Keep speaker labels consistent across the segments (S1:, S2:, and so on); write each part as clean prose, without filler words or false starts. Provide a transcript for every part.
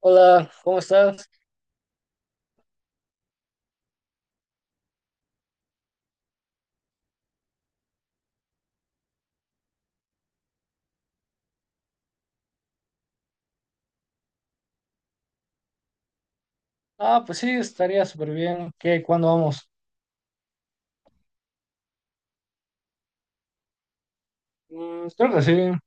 S1: Hola, ¿cómo estás? Ah, pues sí, estaría súper bien. ¿Qué? ¿Cuándo vamos? Mm, creo que sí.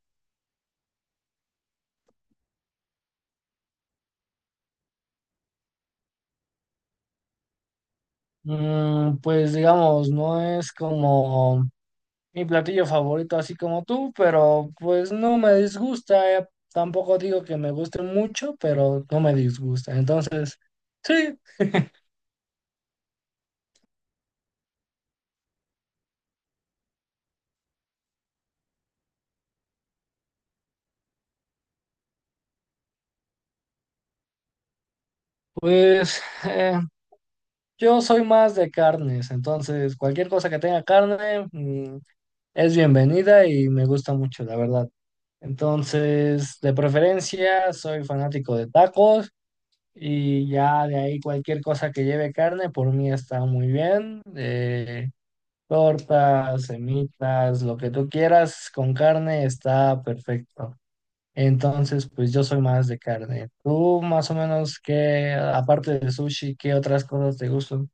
S1: Mm, pues digamos, no es como mi platillo favorito, así como tú, pero pues no me disgusta. Tampoco digo que me guste mucho, pero no me disgusta. Entonces, sí, pues yo soy más de carnes. Entonces, cualquier cosa que tenga carne, es bienvenida y me gusta mucho, la verdad. Entonces, de preferencia, soy fanático de tacos y ya de ahí cualquier cosa que lleve carne, por mí está muy bien. Tortas, semitas, lo que tú quieras con carne está perfecto. Entonces, pues yo soy más de carne. ¿Tú más o menos qué, aparte de sushi, qué otras cosas te gustan?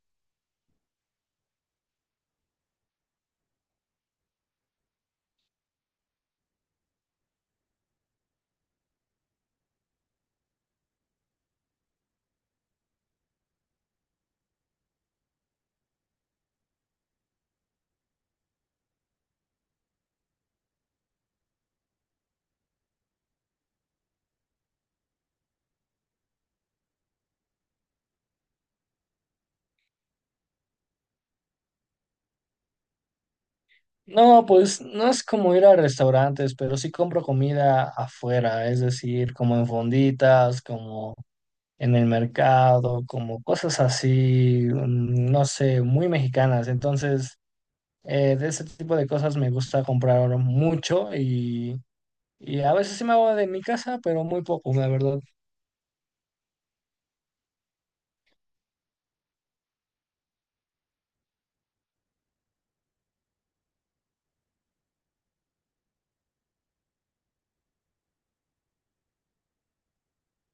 S1: No, pues no es como ir a restaurantes, pero sí compro comida afuera, es decir, como en fonditas, como en el mercado, como cosas así, no sé, muy mexicanas. Entonces, de ese tipo de cosas me gusta comprar mucho y a veces sí me hago de mi casa, pero muy poco, la verdad.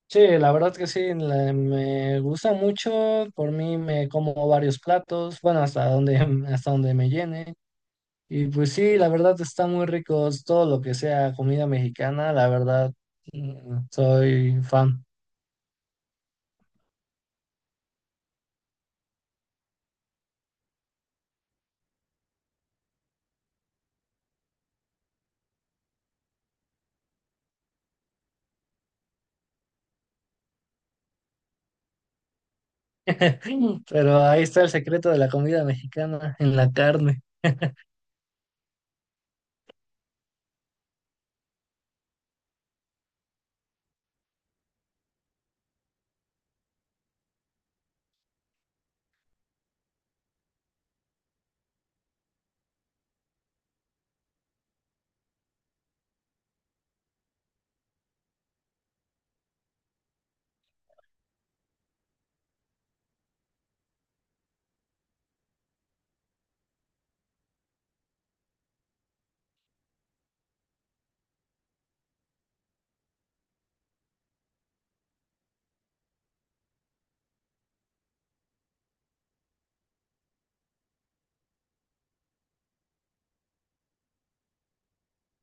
S1: Sí, la verdad que sí, me gusta mucho, por mí me como varios platos, bueno, hasta donde, hasta donde me llene. Y pues sí, la verdad está muy rico todo lo que sea comida mexicana, la verdad. Mm, soy fan. Pero ahí está el secreto de la comida mexicana, en la carne.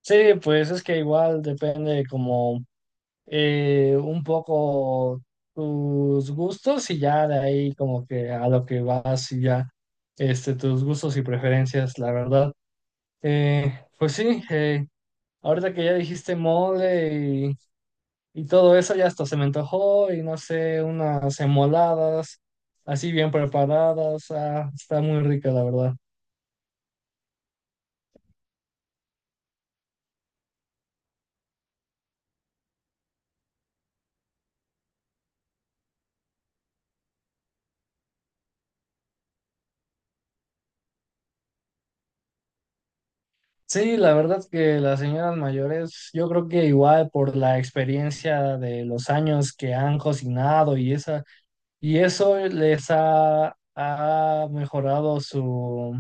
S1: Sí, pues es que igual depende como un poco tus gustos y ya de ahí como que a lo que vas y ya este, tus gustos y preferencias, la verdad. Eh, pues sí, ahorita que ya dijiste mole y todo eso ya hasta se me antojó y no sé, unas enmoladas así bien preparadas. Ah, está muy rica, la verdad. Sí, la verdad que las señoras mayores, yo creo que igual por la experiencia de los años que han cocinado y eso les ha mejorado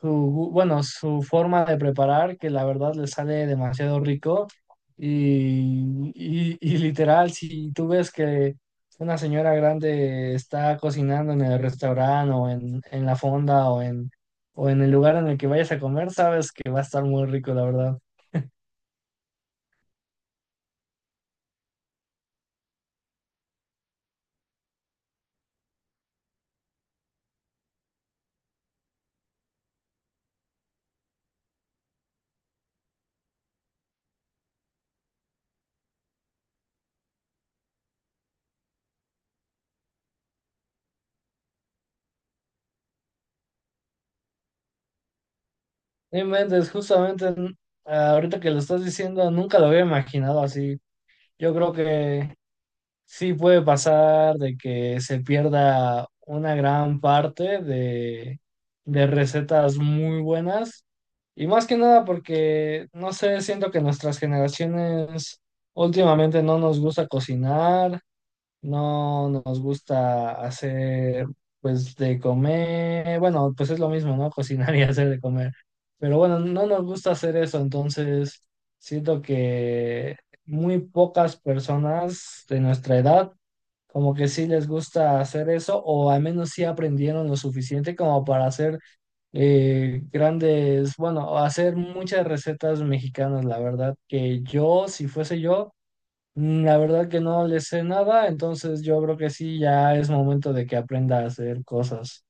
S1: su, bueno, su forma de preparar, que la verdad le sale demasiado rico. Y literal, si tú ves que una señora grande está cocinando en el restaurante en la fonda o en el lugar en el que vayas a comer, sabes que va a estar muy rico, la verdad. No inventes, justamente ahorita que lo estás diciendo, nunca lo había imaginado así. Yo creo que sí puede pasar de que se pierda una gran parte de recetas muy buenas y más que nada porque, no sé, siento que nuestras generaciones últimamente no nos gusta cocinar. No nos gusta hacer, pues, de comer. Bueno, pues es lo mismo, ¿no? Cocinar y hacer de comer. Pero bueno, no nos gusta hacer eso, entonces siento que muy pocas personas de nuestra edad como que sí les gusta hacer eso, o al menos sí aprendieron lo suficiente como para hacer grandes, bueno, hacer muchas recetas mexicanas, la verdad, que yo, si fuese yo, mm, la verdad que no le sé nada, entonces yo creo que sí, ya es momento de que aprenda a hacer cosas.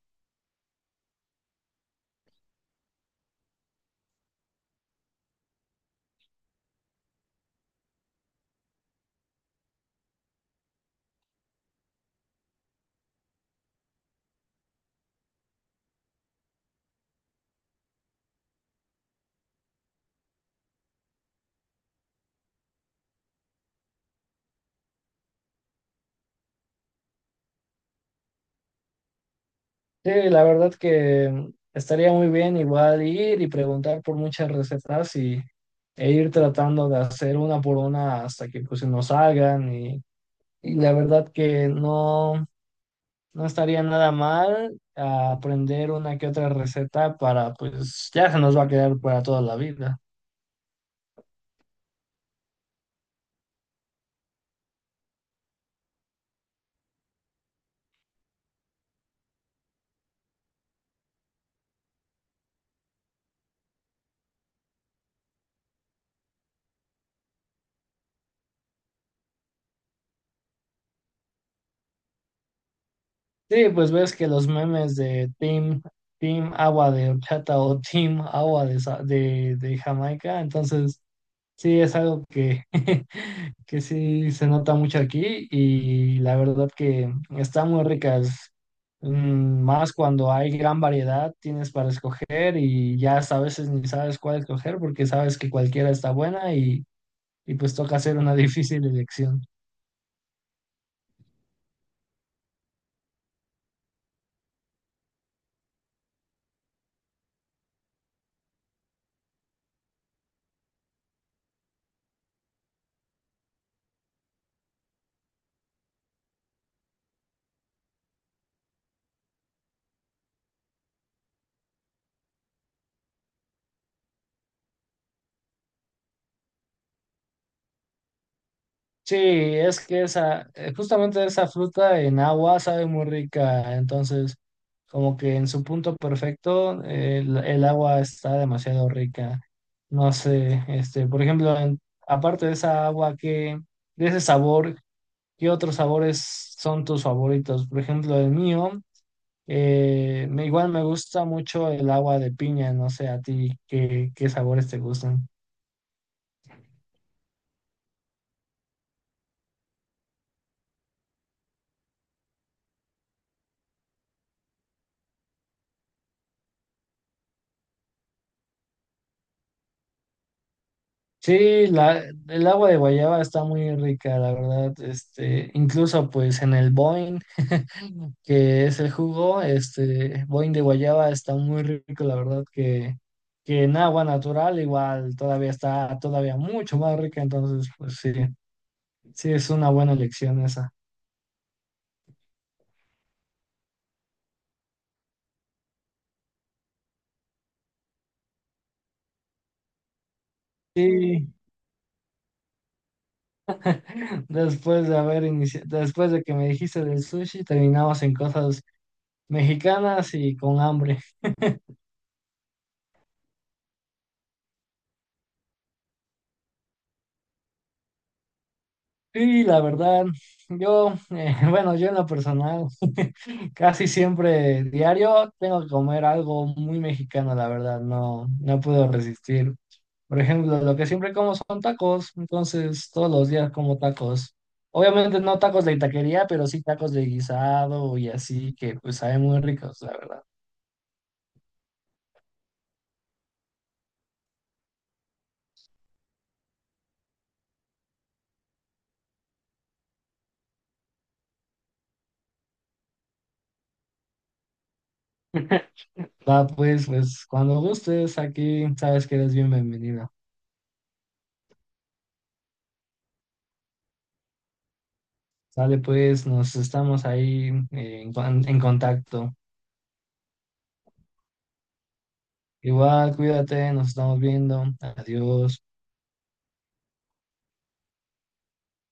S1: Sí, la verdad que estaría muy bien igual ir y preguntar por muchas recetas e ir tratando de hacer una por una hasta que pues nos salgan y la verdad que no, no estaría nada mal aprender una que otra receta para pues ya se nos va a quedar para toda la vida. Sí, pues ves que los memes de Team Agua de Horchata o Team Agua de Jamaica, entonces sí es algo que, que sí se nota mucho aquí y la verdad que están muy ricas. Mm, más cuando hay gran variedad tienes para escoger y ya hasta a veces ni sabes cuál escoger porque sabes que cualquiera está buena y pues toca hacer una difícil elección. Sí, es que esa, justamente esa fruta en agua sabe muy rica, entonces como que en su punto perfecto el agua está demasiado rica. No sé, este, por ejemplo, aparte de esa agua de ese sabor, ¿qué otros sabores son tus favoritos? Por ejemplo, el mío, igual me gusta mucho el agua de piña, no sé a ti qué sabores te gustan. Sí, la, el agua de guayaba está muy rica, la verdad. Este, incluso pues en el Boing, que es el jugo, este, Boing de guayaba está muy rico, la verdad, que en agua natural igual todavía está todavía mucho más rica, entonces pues sí, sí es una buena elección esa. Sí, después de haber iniciado, después de que me dijiste del sushi, terminamos en cosas mexicanas y con hambre. Sí, la verdad, yo, bueno, yo en lo personal, casi siempre diario tengo que comer algo muy mexicano, la verdad, no, no puedo resistir. Por ejemplo, lo que siempre como son tacos, entonces todos los días como tacos. Obviamente no tacos de taquería, pero sí tacos de guisado y así, que pues saben muy ricos, la verdad. Va, pues, pues cuando gustes, aquí sabes que eres bien bienvenido. Sale, pues, nos estamos ahí en contacto. Igual, cuídate, nos estamos viendo. Adiós.